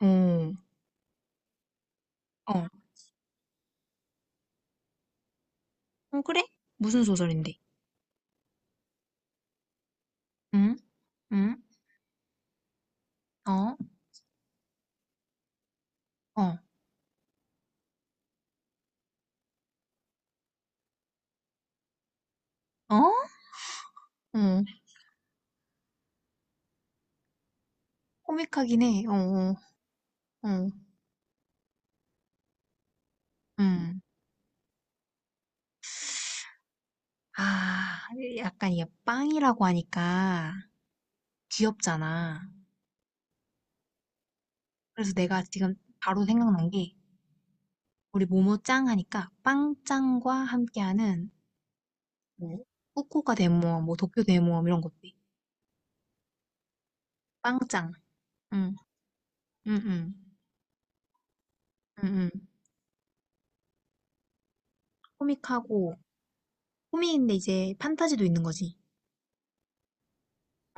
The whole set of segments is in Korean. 어, 어, 어, 그래? 무슨 소설인데? 응? 응? 어? 어? 어? 어. 코믹하긴 해. 어, 어, 어. 응. 아, 약간 이게 빵이라고 하니까 귀엽잖아. 그래서 내가 지금 바로 생각난 게 우리 모모짱 하니까 빵짱과 함께하는 뭐 후쿠오카 대모험, 뭐 도쿄 대모험 이런 것들. 빵짱. 응, 응, 응, 응, 응. 코믹하고 코믹인데 이제 판타지도 있는 거지.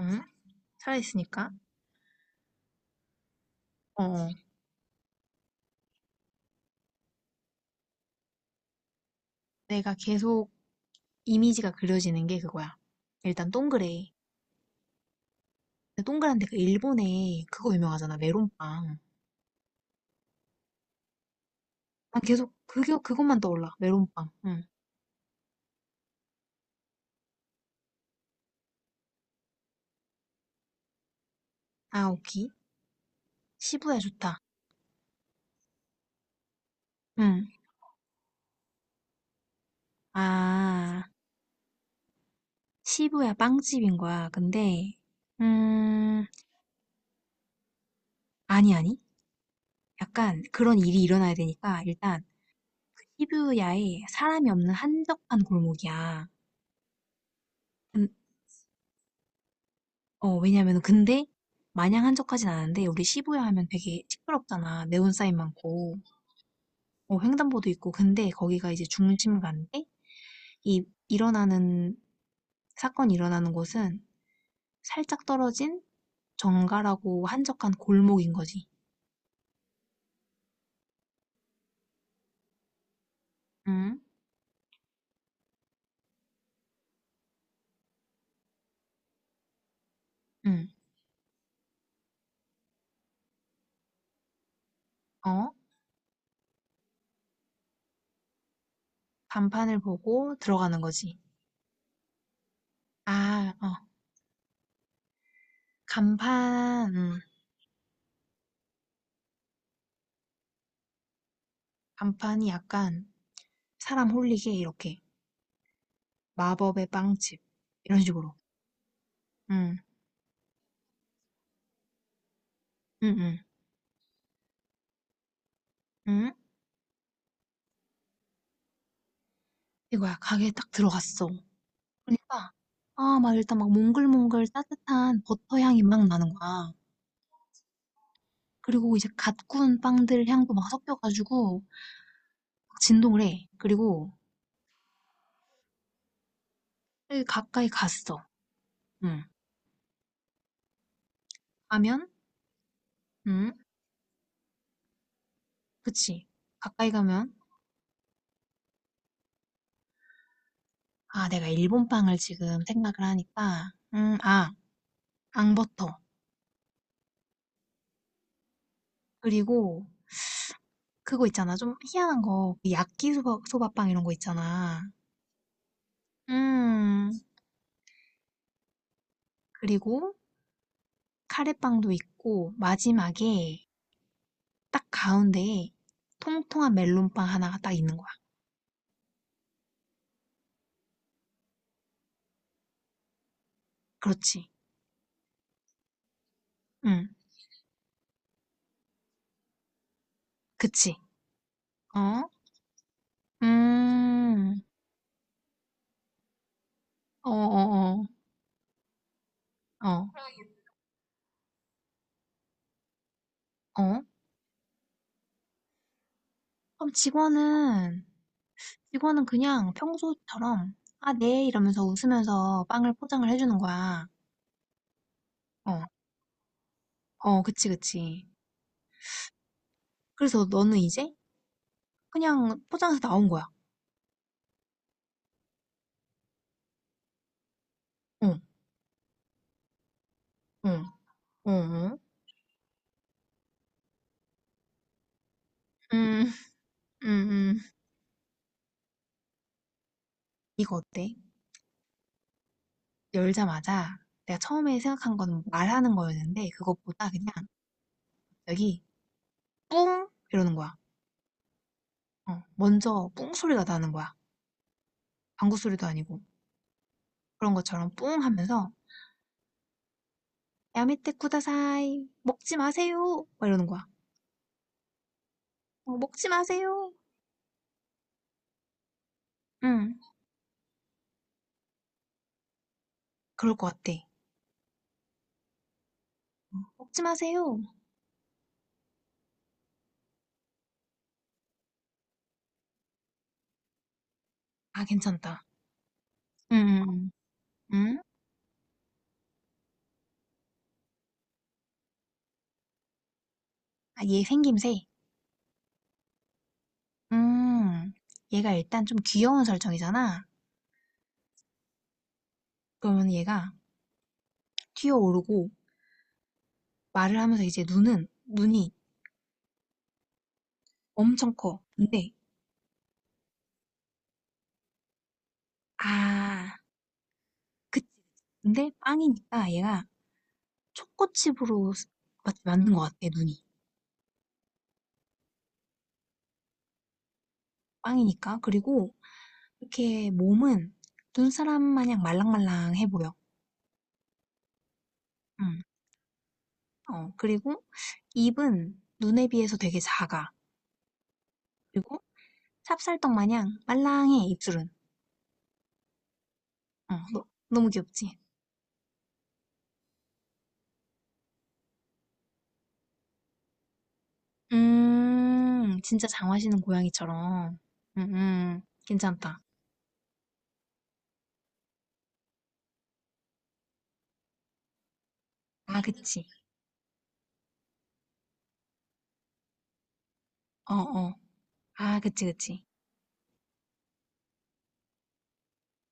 응? 살아있으니까. 어, 내가 계속 이미지가 그려지는 게 그거야. 일단 동그래. 근데 동그란데 그 일본에 그거 유명하잖아, 메론빵. 난 계속 그게 그것만 떠올라, 메론빵. 응. 아오키, 시부야 좋다. 응. 아, 시부야 빵집인 거야. 근데 음, 아니 아니. 약간 그런 일이 일어나야 되니까 일단 시부야에 사람이 없는 한적한 골목이야. 음, 어, 왜냐면은 근데 마냥 한적하진 않은데 우리 시부야 하면 되게 시끄럽잖아. 네온사인 많고 어, 횡단보도 있고 근데 거기가 이제 중심가인데 이 일어나는 사건이 일어나는 곳은 살짝 떨어진 정갈하고 한적한 골목인 거지. 응? 응. 어? 간판을 보고 들어가는 거지. 아, 어. 간판, 간판이 약간 사람 홀리게 이렇게 마법의 빵집 이런 식으로. 응, 응, 응. 응? 이거야. 가게에 딱 들어갔어. 그러니까 아 막 일단 막 몽글몽글 따뜻한 버터 향이 막 나는 거야. 그리고 이제 갓 구운 빵들 향도 막 섞여 가지고 막 진동을 해. 그리고 가까이 갔어. 응. 가면 응. 그치. 가까이 가면 아 내가 일본 빵을 지금 생각을 하니까 아 앙버터 그리고 그거 있잖아. 좀 희한한 거. 그 야끼소바 소바 빵 이런 거 있잖아. 음. 그리고 카레빵도 있고 마지막에 딱 가운데에 통통한 멜론빵 하나가 딱 있는 거야. 그렇지. 응. 그치. 어? 음. 어, 어, 어. 어. 어? 그럼 직원은 그냥 평소처럼 아, 네 이러면서 웃으면서 빵을 포장을 해주는 거야. 어. 어, 그치, 그치. 그래서 너는 이제 그냥 포장해서 나온 거야. 어, 어, 어, 어. 음, 음, 음. 이거 어때? 열자마자 내가 처음에 생각한 건 말하는 거였는데 그것보다 그냥 여기 뿡 이러는 거야. 어, 먼저 뿡 소리가 나는 거야. 방구 소리도 아니고 그런 것처럼 뿡 하면서 야메테 쿠다사이 먹지 마세요 막 이러는 거야. 어, 먹지 마세요. 응, 그럴 것 같아. 먹지 마세요. 아, 괜찮다. 음, 음, 음. 아, 얘 생김새. 음, 얘가 일단 좀 귀여운 설정이잖아. 그러면 얘가 튀어오르고 말을 하면서 이제 눈이 엄청 커. 근데 아 그치, 근데 빵이니까 얘가 초코칩으로 스- 맞는 것 같아 눈이. 빵이니까 그리고 이렇게 몸은 눈사람 마냥 말랑말랑해 보여. 음. 어 그리고 입은 눈에 비해서 되게 작아. 그리고 찹쌀떡 마냥 말랑해 입술은. 어 너무 귀엽지? 진짜 장화시는 고양이처럼. 괜찮다. 아 그치. 어 어. 아 그치 그치.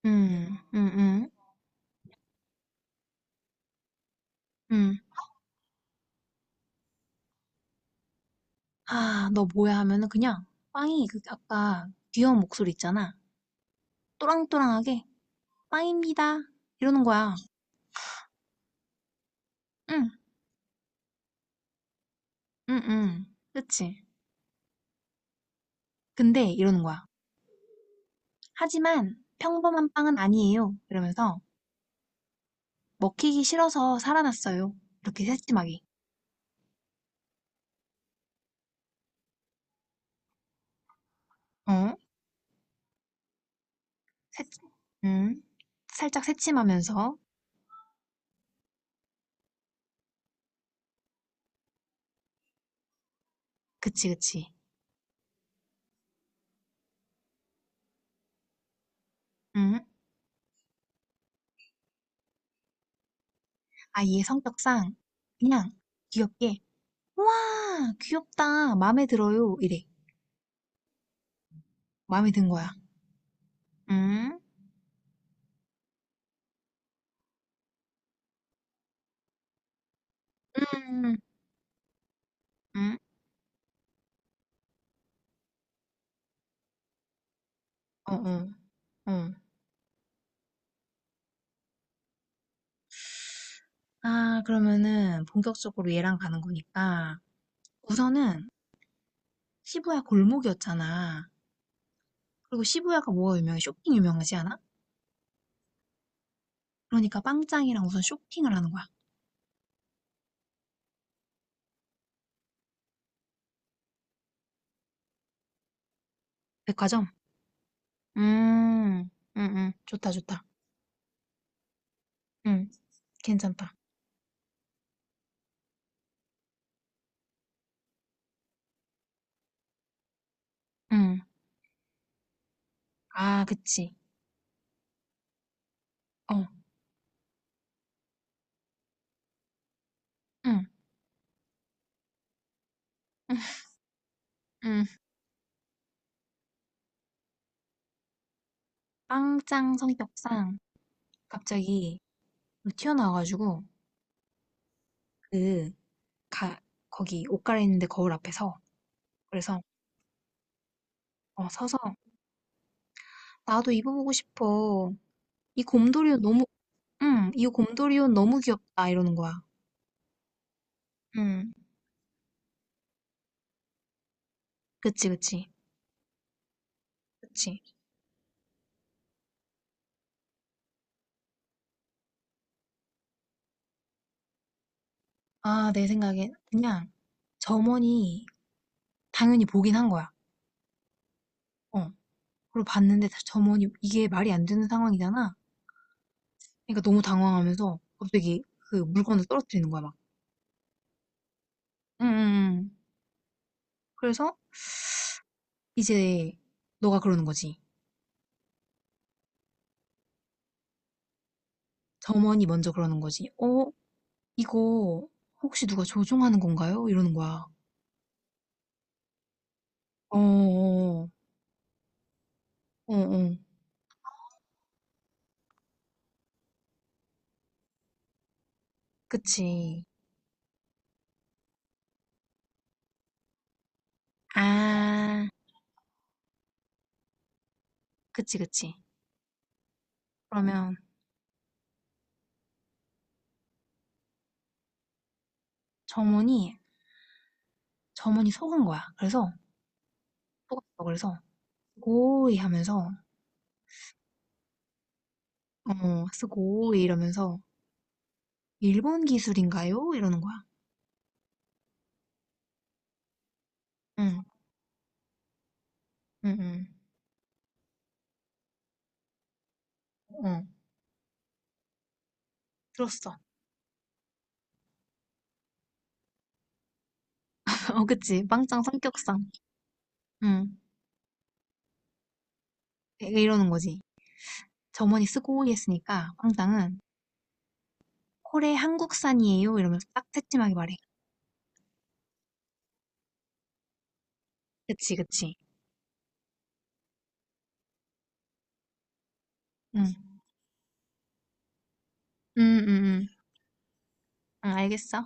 음. 음음. 음. 음. "아 너 뭐야?" 하면은 그냥 빵이 그 아까 귀여운 목소리 있잖아. 또랑또랑하게 "빵입니다." 이러는 거야. 응. 응응 그치. 근데 이러는 거야. "하지만 평범한 빵은 아니에요." 이러면서 "먹히기 싫어서 살아났어요." 이렇게 새침하게. 어? 새침 음. 살짝 새침하면서. 그치, 그치. 응 아얘 성격상 그냥 귀엽게 와, 귀엽다. 마음에 들어요. 이래. 마음에 든 거야. 응? 음, 응? 어, 어, 어. 아, 그러면은 본격적으로 얘랑 가는 거니까. 우선은 시부야 골목이었잖아. 그리고 시부야가 뭐가 유명해? 쇼핑 유명하지 않아? 그러니까 빵짱이랑 우선 쇼핑을 하는 거야. 백화점? 음, 응, 응, 좋다, 좋다. 응, 괜찮다. 응, 아, 그치. 어. 응, 응. 빵짱 성격상 갑자기 튀어나와 가지고 그 가, 거기 옷 갈아입는데 거울 앞에서 그래서 어, 서서 나도 입어보고 싶어. 이 곰돌이 옷 너무 응, 이 곰돌이 옷 너무 귀엽다 이러는 거야. 응, 그치 그치 그치. 아, 내 생각엔 그냥 점원이 당연히 보긴 한 거야. 어, 그리고 봤는데 점원이 이게 말이 안 되는 상황이잖아. 그러니까 너무 당황하면서 갑자기 그 물건을 떨어뜨리는 거야 막. 응, 응, 응. 그래서 이제 너가 그러는 거지. 점원이 먼저 그러는 거지. "어 이거 혹시 누가 조종하는 건가요?" 이러는 거야. 어어어. 어어. 그치. 아. 그치, 그치. 그러면 점원이 점원이 속은 거야. 그래서 속았어. 그래서 고이 하면서 어 쓰고이 이러면서 "일본 기술인가요?" 이러는 거야. 응. 응, 응, 어. 들었어. 어 그치. 빵짱 성격상. 응. 이러는 거지. 점원이 쓰고이 했으니까 빵짱은 코레 한국산이에요? 이러면서 딱 새침하게 말해. 그치, 그치. 응. 응, 응, 응. 응, 알겠어.